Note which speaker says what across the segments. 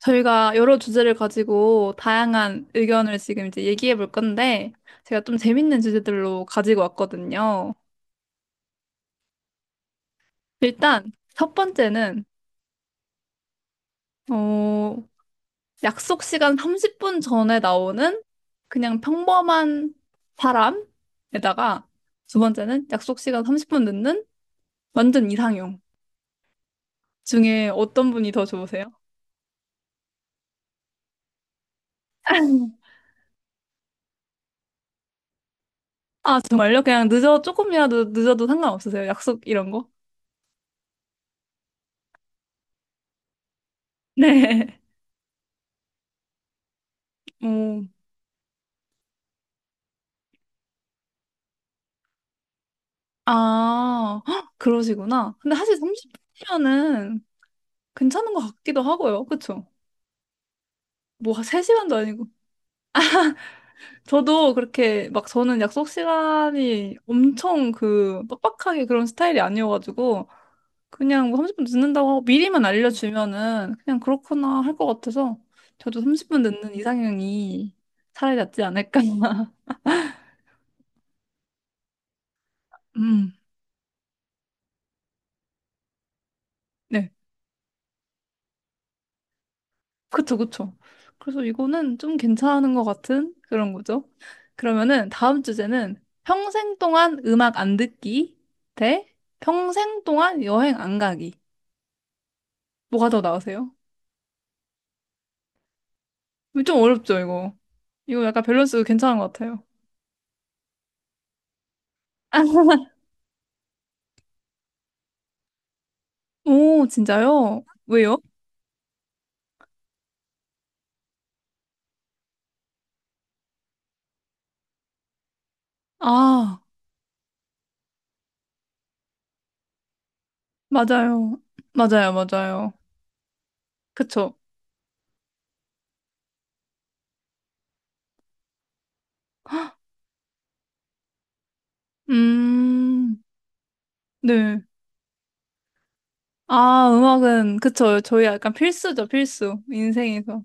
Speaker 1: 저희가 여러 주제를 가지고 다양한 의견을 지금 이제 얘기해 볼 건데, 제가 좀 재밌는 주제들로 가지고 왔거든요. 일단, 첫 번째는, 어, 약속 시간 30분 전에 나오는 그냥 평범한 사람에다가, 두 번째는 약속 시간 30분 늦는 완전 이상형 중에 어떤 분이 더 좋으세요? 아, 정말요? 조금이라도 늦어도 상관없으세요? 약속 이런 거? 네. 어, 아, 헉, 그러시구나. 근데 사실 30분이면은 괜찮은 것 같기도 하고요. 그쵸? 뭐, 3시간도 아니고. 저도 그렇게 막 저는 약속 시간이 엄청 그 빡빡하게 그런 스타일이 아니어가지고 그냥 뭐 30분 늦는다고 하고 미리만 알려주면은 그냥 그렇구나 할 것 같아서 저도 30분 늦는 이상형이 차라리 낫지 않을까. 음, 네. 그쵸, 그쵸. 그래서 이거는 좀 괜찮은 것 같은 그런 거죠. 그러면은 다음 주제는 평생 동안 음악 안 듣기 대 평생 동안 여행 안 가기. 뭐가 더 나으세요? 좀 어렵죠, 이거. 이거 약간 밸런스 괜찮은 것 같아요. 오, 진짜요? 왜요? 아, 맞아요. 맞아요, 맞아요. 그쵸. 음, 네. 아, 음악은, 그쵸. 저희 약간 필수죠, 필수. 인생에서.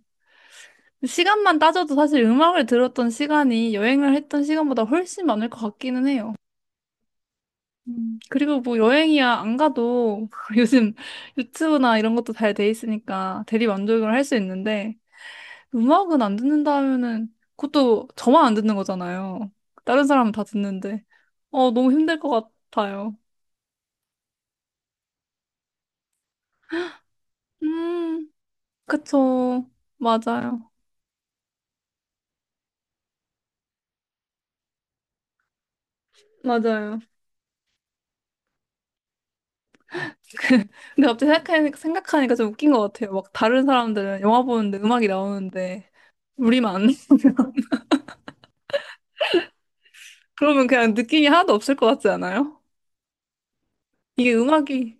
Speaker 1: 시간만 따져도 사실 음악을 들었던 시간이 여행을 했던 시간보다 훨씬 많을 것 같기는 해요. 그리고 뭐 여행이야 안 가도 요즘 유튜브나 이런 것도 잘 돼 있으니까 대리 만족을 할 수 있는데 음악은 안 듣는다 하면은 그것도 저만 안 듣는 거잖아요. 다른 사람은 다 듣는데 어 너무 힘들 것 같아요. 음, 그쵸. 맞아요. 맞아요. 근데 갑자기 생각하니까 좀 웃긴 것 같아요. 막 다른 사람들은 영화 보는데 음악이 나오는데 우리만. 그러면 그냥 느낌이 하나도 없을 것 같지 않아요? 이게 음악이,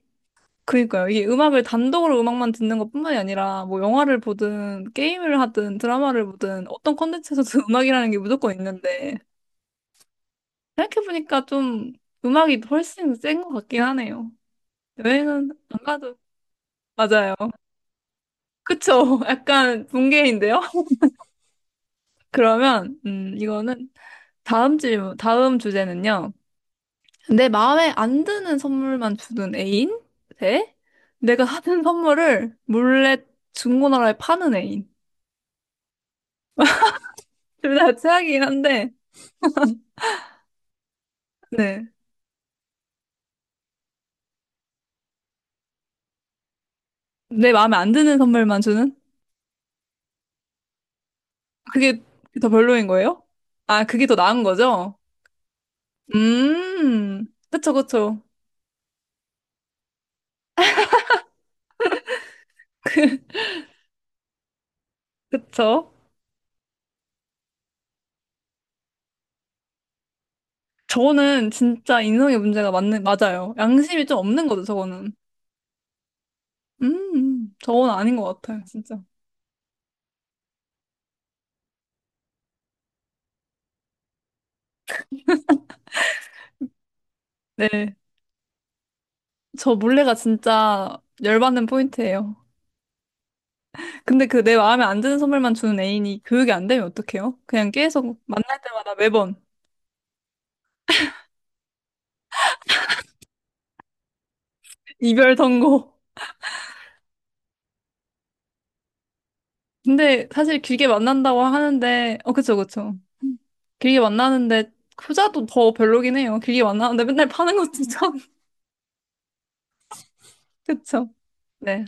Speaker 1: 그니까요. 이게 음악을 단독으로 음악만 듣는 것뿐만이 아니라, 뭐 영화를 보든, 게임을 하든, 드라마를 보든, 어떤 콘텐츠에서도 음악이라는 게 무조건 있는데, 생각해보니까 좀 음악이 훨씬 센 것 같긴 하네요. 여행은 안 가도, 맞아요. 그쵸? 약간 붕괴인데요? 그러면, 이거는 다음 주제는요. 내 마음에 안 드는 선물만 주는 애인? 대 내가 하는 선물을 몰래 중고나라에 파는 애인. 둘 다 최악이긴 한데, 네. 내 마음에 안 드는 선물만 주는? 그게 더 별로인 거예요? 아, 그게 더 나은 거죠? 그쵸, 그쵸. 그쵸? 저거는 진짜 인성의 문제가 맞아요. 양심이 좀 없는 거죠, 저거는. 저건 아닌 것 같아요, 진짜. 네. 저 몰래가 진짜 열받는 포인트예요. 근데 그 내 마음에 안 드는 선물만 주는 애인이 교육이 안 되면 어떡해요? 그냥 계속 만날 때마다 매번 이별 선고. 근데 사실 길게 만난다고 하는데, 어, 그쵸, 그쵸. 길게 만나는데, 후자도 더 별로긴 해요. 길게 만나는데 맨날 파는 것도 참, 그쵸. 네,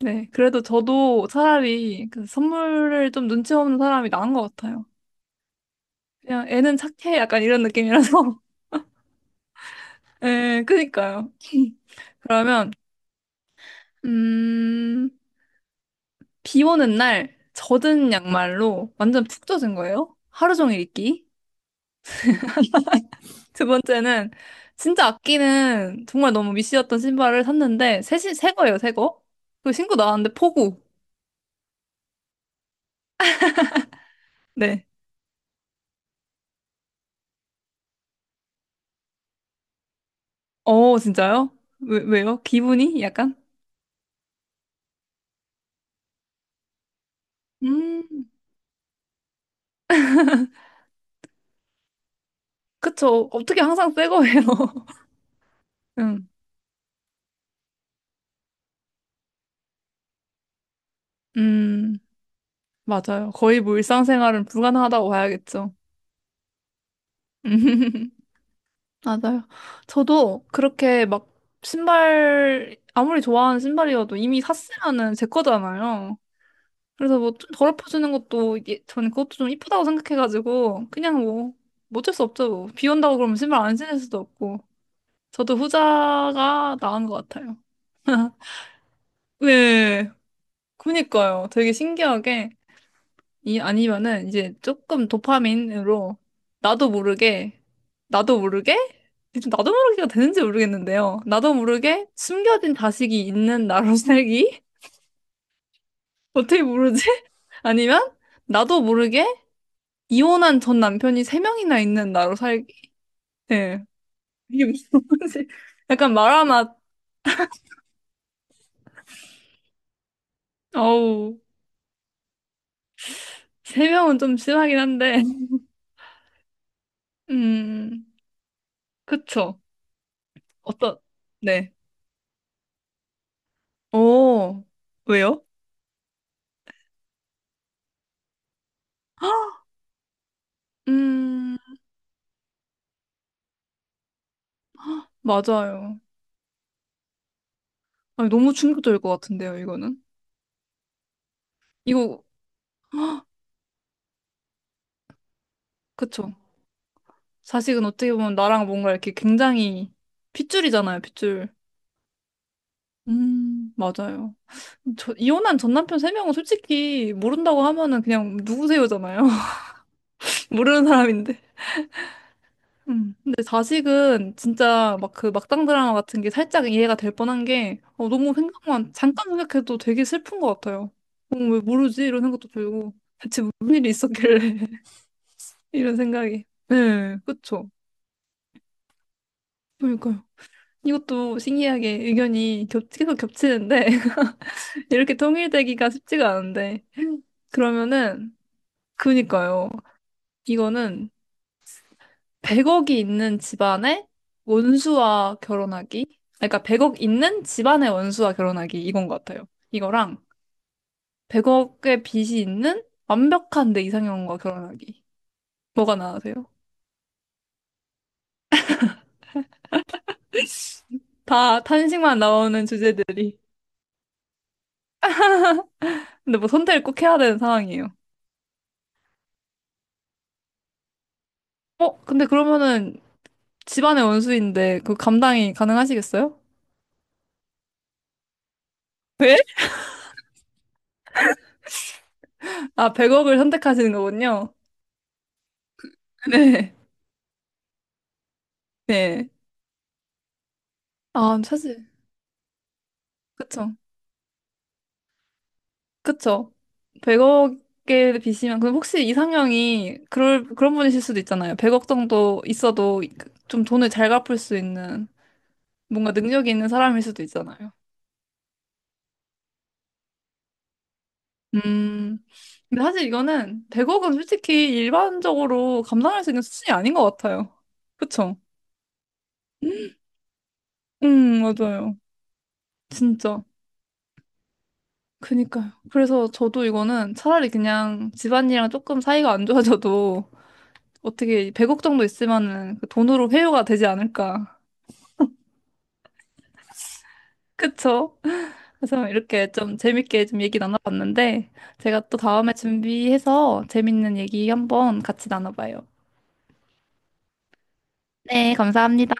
Speaker 1: 네. 그래도 저도 차라리 그 선물을 좀 눈치 없는 사람이 나은 것 같아요. 그냥 애는 착해. 약간 이런 느낌이라서. 네 그니까요. 그러면, 음, 비 오는 날 젖은 양말로 완전 푹 젖은 거예요. 하루 종일 입기. 두 번째는 진짜 아끼는 정말 너무 미시였던 신발을 샀는데 새 거예요, 새 거. 그 신고 나왔는데 폭우. 네. 어, 진짜요? 왜요? 기분이 약간? 음, 그쵸. 어떻게 항상 새 거예요. 음, 음, 맞아요. 거의 뭐 일상생활은 불가능하다고 봐야겠죠. 맞아요. 저도 그렇게 막 신발, 아무리 좋아하는 신발이어도 이미 샀으면은 제 거잖아요. 그래서 뭐좀 더럽혀주는 것도 이게 저는 그것도 좀 이쁘다고 생각해가지고 그냥 뭐, 뭐 어쩔 수 없죠. 뭐. 비 온다고 그러면 신발 안 신을 수도 없고. 저도 후자가 나은 것 같아요. 네. 그니까요. 되게 신기하게. 이 아니면은 이제 조금 도파민으로 나도 모르게 나도 모르게 지금 나도 모르게가 되는지 모르겠는데요. 나도 모르게 숨겨진 자식이 있는 나로 살기? 어떻게 모르지? 아니면 나도 모르게 이혼한 전 남편이 세 명이나 있는 나로 살기? 네. 이게 무슨 말인지 약간 말아맛 어우 세 명은 좀 심하긴 한데 음 그쵸 어떤 네. 오 왜요? 음 맞아요. 아니, 너무 충격적일 것 같은데요, 이거는. 이거, 그쵸. 자식은 어떻게 보면 나랑 뭔가 이렇게 굉장히 핏줄이잖아요, 핏줄. 맞아요. 저, 이혼한 전 남편 세 명은 솔직히 모른다고 하면은 그냥 누구세요잖아요. 모르는 사람인데. 음. 근데 자식은 진짜 막 그 막장 드라마 같은 게 살짝 이해가 될 뻔한 게 어, 잠깐 생각해도 되게 슬픈 것 같아요. 어, 왜 모르지? 이런 생각도 들고. 대체 무슨 일이 있었길래. 이런 생각이. 네, 그쵸. 그러니까요. 이것도 신기하게 계속 겹치는데, 이렇게 통일되기가 쉽지가 않은데. 그러면은, 그니까요. 이거는 100억이 있는 집안의 원수와 결혼하기. 아니, 그러니까 100억 있는 집안의 원수와 결혼하기. 이건 것 같아요. 이거랑 100억의 빚이 있는 완벽한 내 이상형과 결혼하기. 뭐가 나으세요? 다 탄식만 나오는 주제들이. 근데 뭐 선택을 꼭 해야 되는 상황이에요. 어, 근데 그러면은 집안의 원수인데 그 감당이 가능하시겠어요? 왜? 아, 100억을 선택하시는 거군요. 네, 네. 아, 사실. 그쵸. 그쵸. 100억에 비시면, 그럼 혹시 이상형이 그럴, 그런 분이실 수도 있잖아요. 100억 정도 있어도 좀 돈을 잘 갚을 수 있는 뭔가 능력이 있는 사람일 수도 있잖아요. 음. 근데 사실 이거는 100억은 솔직히 일반적으로 감당할 수 있는 수준이 아닌 것 같아요. 그쵸? 맞아요. 진짜. 그니까요. 그래서 저도 이거는 차라리 그냥 집안이랑 조금 사이가 안 좋아져도 어떻게 100억 정도 있으면은 그 돈으로 회유가 되지 않을까. 그쵸? 그래서 이렇게 좀 재밌게 좀 얘기 나눠봤는데 제가 또 다음에 준비해서 재밌는 얘기 한번 같이 나눠봐요. 네, 감사합니다.